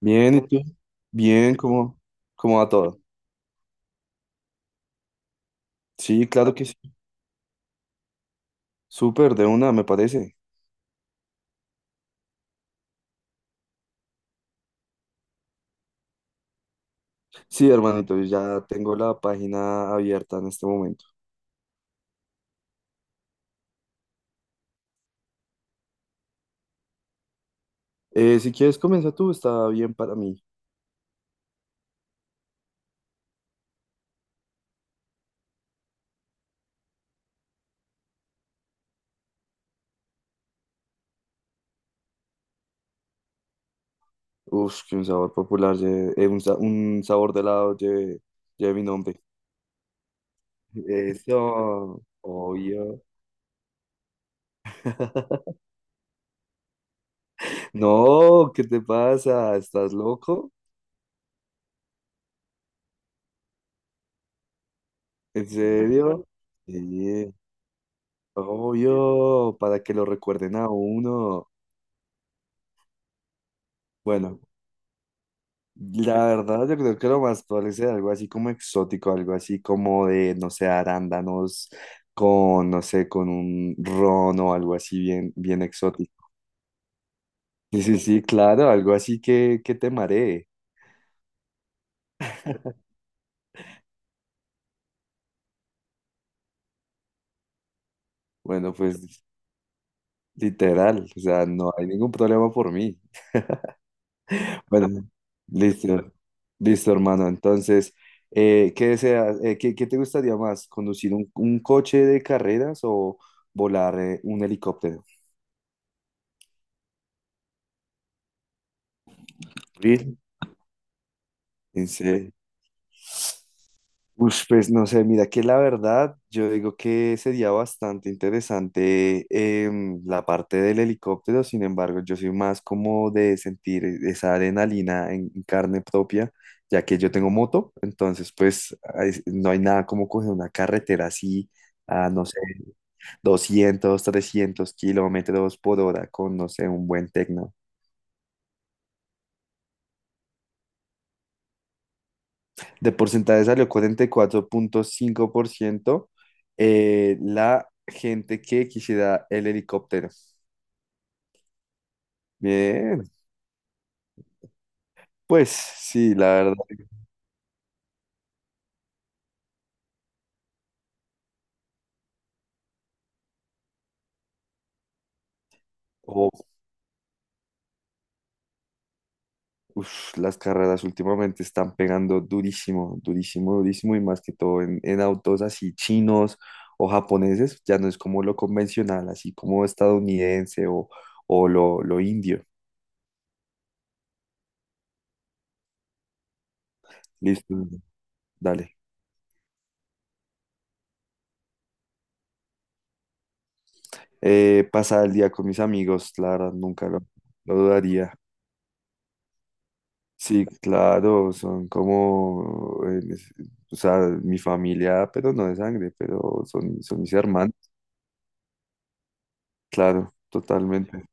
Bien, ¿y tú? Bien, ¿cómo va todo? Sí, claro que sí. Súper, de una, me parece. Sí, hermanito, yo ya tengo la página abierta en este momento. Si quieres, comienza tú, está bien para mí. Uf, que un sabor popular, un sabor de helado lleve mi nombre. Eso, obvio. No, ¿qué te pasa? ¿Estás loco? ¿En serio? Sí, obvio, para que lo recuerden a uno. Bueno. La verdad, yo creo que lo más probable es algo así como exótico, algo así como de, no sé, arándanos con, no sé, con un ron o algo así bien, bien exótico. Sí, sí, sí, claro, algo así que te maree. Bueno, pues literal, o sea, no hay ningún problema por mí. Bueno, listo, listo, hermano. Entonces, ¿qué deseas? ¿Qué te gustaría más? ¿Conducir un coche de carreras o volar un helicóptero? ¿Sí? Ush, pues no sé, mira que la verdad, yo digo que sería bastante interesante, la parte del helicóptero. Sin embargo, yo soy más como de sentir esa adrenalina en carne propia, ya que yo tengo moto. Entonces pues ay, no hay nada como coger una carretera así a, no sé, 200 300 km/h con, no sé, un buen techno. De porcentaje salió 44,5%, la gente que quisiera el helicóptero. Bien, pues sí, la verdad. Oh, uf, las carreras últimamente están pegando durísimo, durísimo, durísimo, y más que todo en autos así chinos o japoneses. Ya no es como lo convencional, así como estadounidense, o lo indio. Listo, dale. Pasar el día con mis amigos, la verdad, nunca lo dudaría. Sí, claro, son como, o sea, mi familia, pero no de sangre, pero son, mis hermanos, claro, totalmente.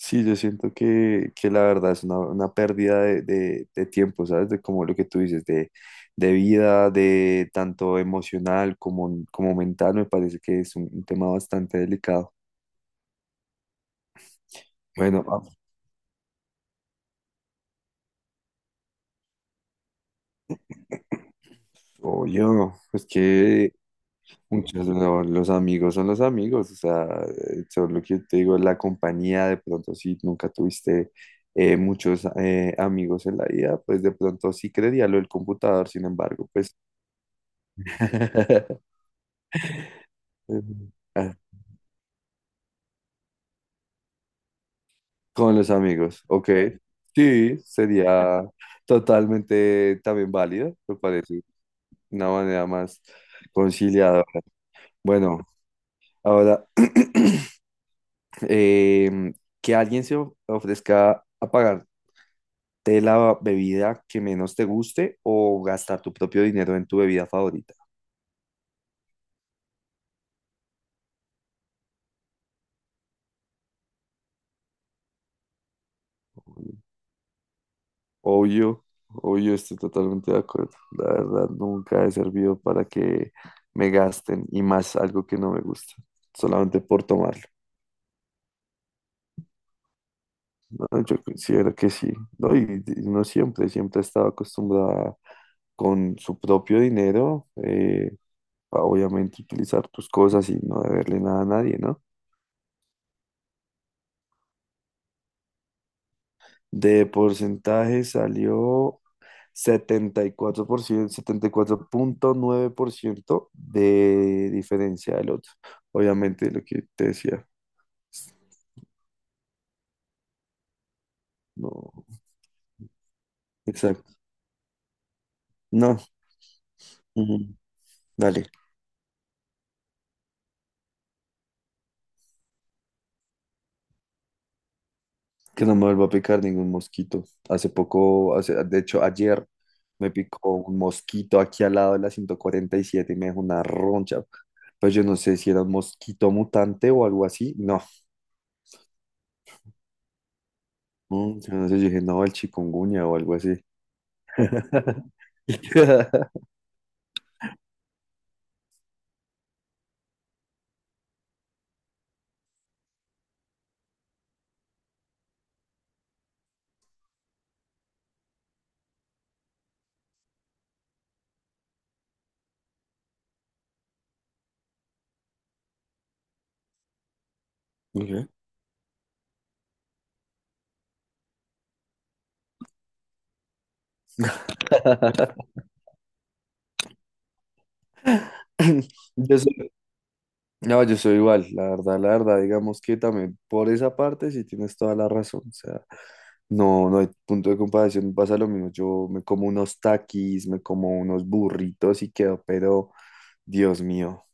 Sí, yo siento que la verdad es una pérdida de tiempo, ¿sabes? De como lo que tú dices, de vida, de tanto emocional como mental. Me parece que es un tema bastante delicado. Bueno, oye, no, es que muchos no, los amigos son los amigos, o sea, son lo que yo te digo, es la compañía. De pronto si nunca tuviste muchos amigos en la vida, pues de pronto sí creería lo del computador. Sin embargo, pues ah, con los amigos, ok, sí, sería totalmente también válido. Me parece una manera más conciliadora. Bueno, ahora, em, que alguien se ofrezca a pagar de la bebida que menos te guste o gastar tu propio dinero en tu bebida favorita. Obvio, obvio, estoy totalmente de acuerdo. La verdad, nunca he servido para que me gasten y más algo que no me gusta, solamente por tomarlo. ¿No? Yo considero que sí, ¿no? Y no siempre, siempre ha estado acostumbrada con su propio dinero, a obviamente utilizar tus cosas y no deberle nada a nadie, ¿no? De porcentaje salió setenta y cuatro por ciento, 74,9% de diferencia del otro. Obviamente lo que te decía. No, exacto. No, ujú. Dale, que no me vuelva a picar ningún mosquito. Hace poco, de hecho, ayer me picó un mosquito aquí al lado de la 147 y siete, y me dejó una roncha. Pues yo no sé si era un mosquito mutante o algo así. No, yo no sé, yo dije, no, el chikungunya o algo así. Ok. Yo soy- no, yo soy igual, la verdad, digamos que también por esa parte sí tienes toda la razón. O sea, no, no hay punto de comparación, pasa lo mismo, yo me como unos taquis, me como unos burritos y quedo, pero Dios mío,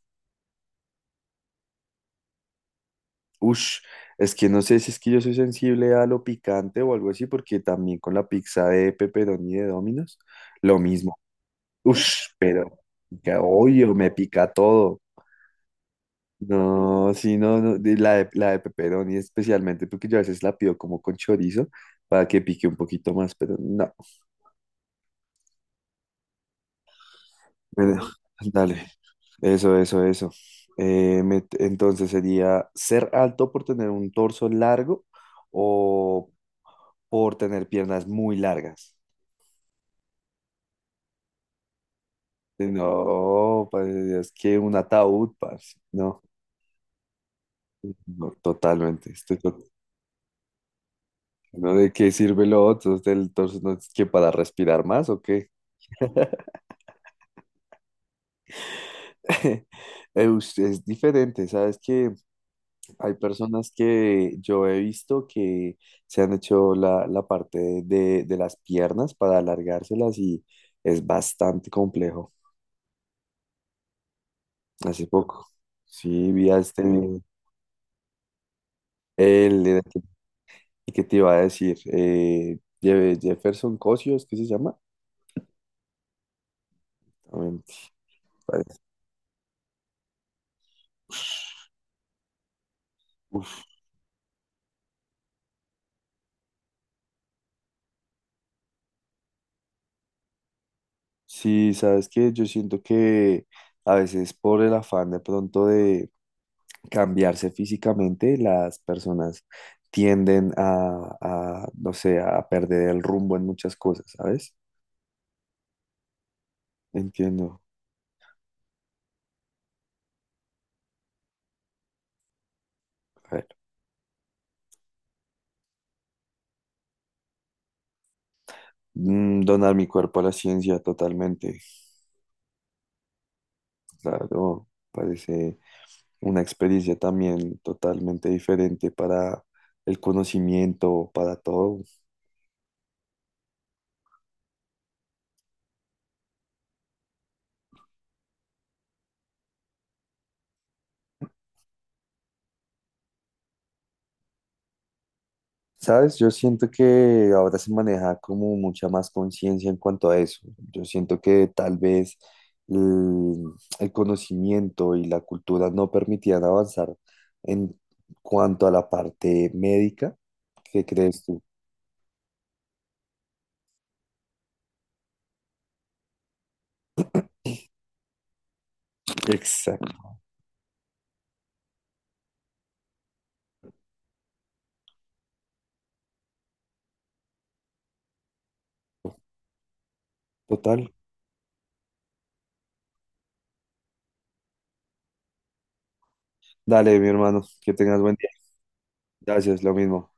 ush, es que no sé si es que yo soy sensible a lo picante o algo así, porque también con la pizza de pepperoni de Domino's, lo mismo. Ush, pero obvio, me pica todo. No, sí, no, no, la de pepperoni especialmente, porque yo a veces la pido como con chorizo para que pique un poquito más, pero no. Bueno, dale. Eso, eso, eso. Entonces sería ser alto por tener un torso largo o por tener piernas muy largas. No, padre de Dios, que un ataúd, parce. No, no, totalmente. Estoy. ¿No de qué sirve lo otro? ¿Del torso no es que para respirar más o qué? Es diferente, ¿sabes? Que hay personas que yo he visto que se han hecho la parte de las piernas para alargárselas, y es bastante complejo. Hace poco, sí, vi a este, el que te iba a decir, Jefferson Cosio, ¿es que se llama? También. Sí, sabes que yo siento que a veces por el afán de pronto de cambiarse físicamente, las personas tienden no sé, a perder el rumbo en muchas cosas, ¿sabes? Entiendo. A ver, donar mi cuerpo a la ciencia totalmente, claro. Parece una experiencia también totalmente diferente para el conocimiento, para todo. ¿Sabes? Yo siento que ahora se maneja como mucha más conciencia en cuanto a eso. Yo siento que tal vez el, el conocimiento y la cultura no permitían avanzar en cuanto a la parte médica. ¿Qué crees tú? Exacto. Total. Dale, mi hermano, que tengas buen día. Gracias, lo mismo.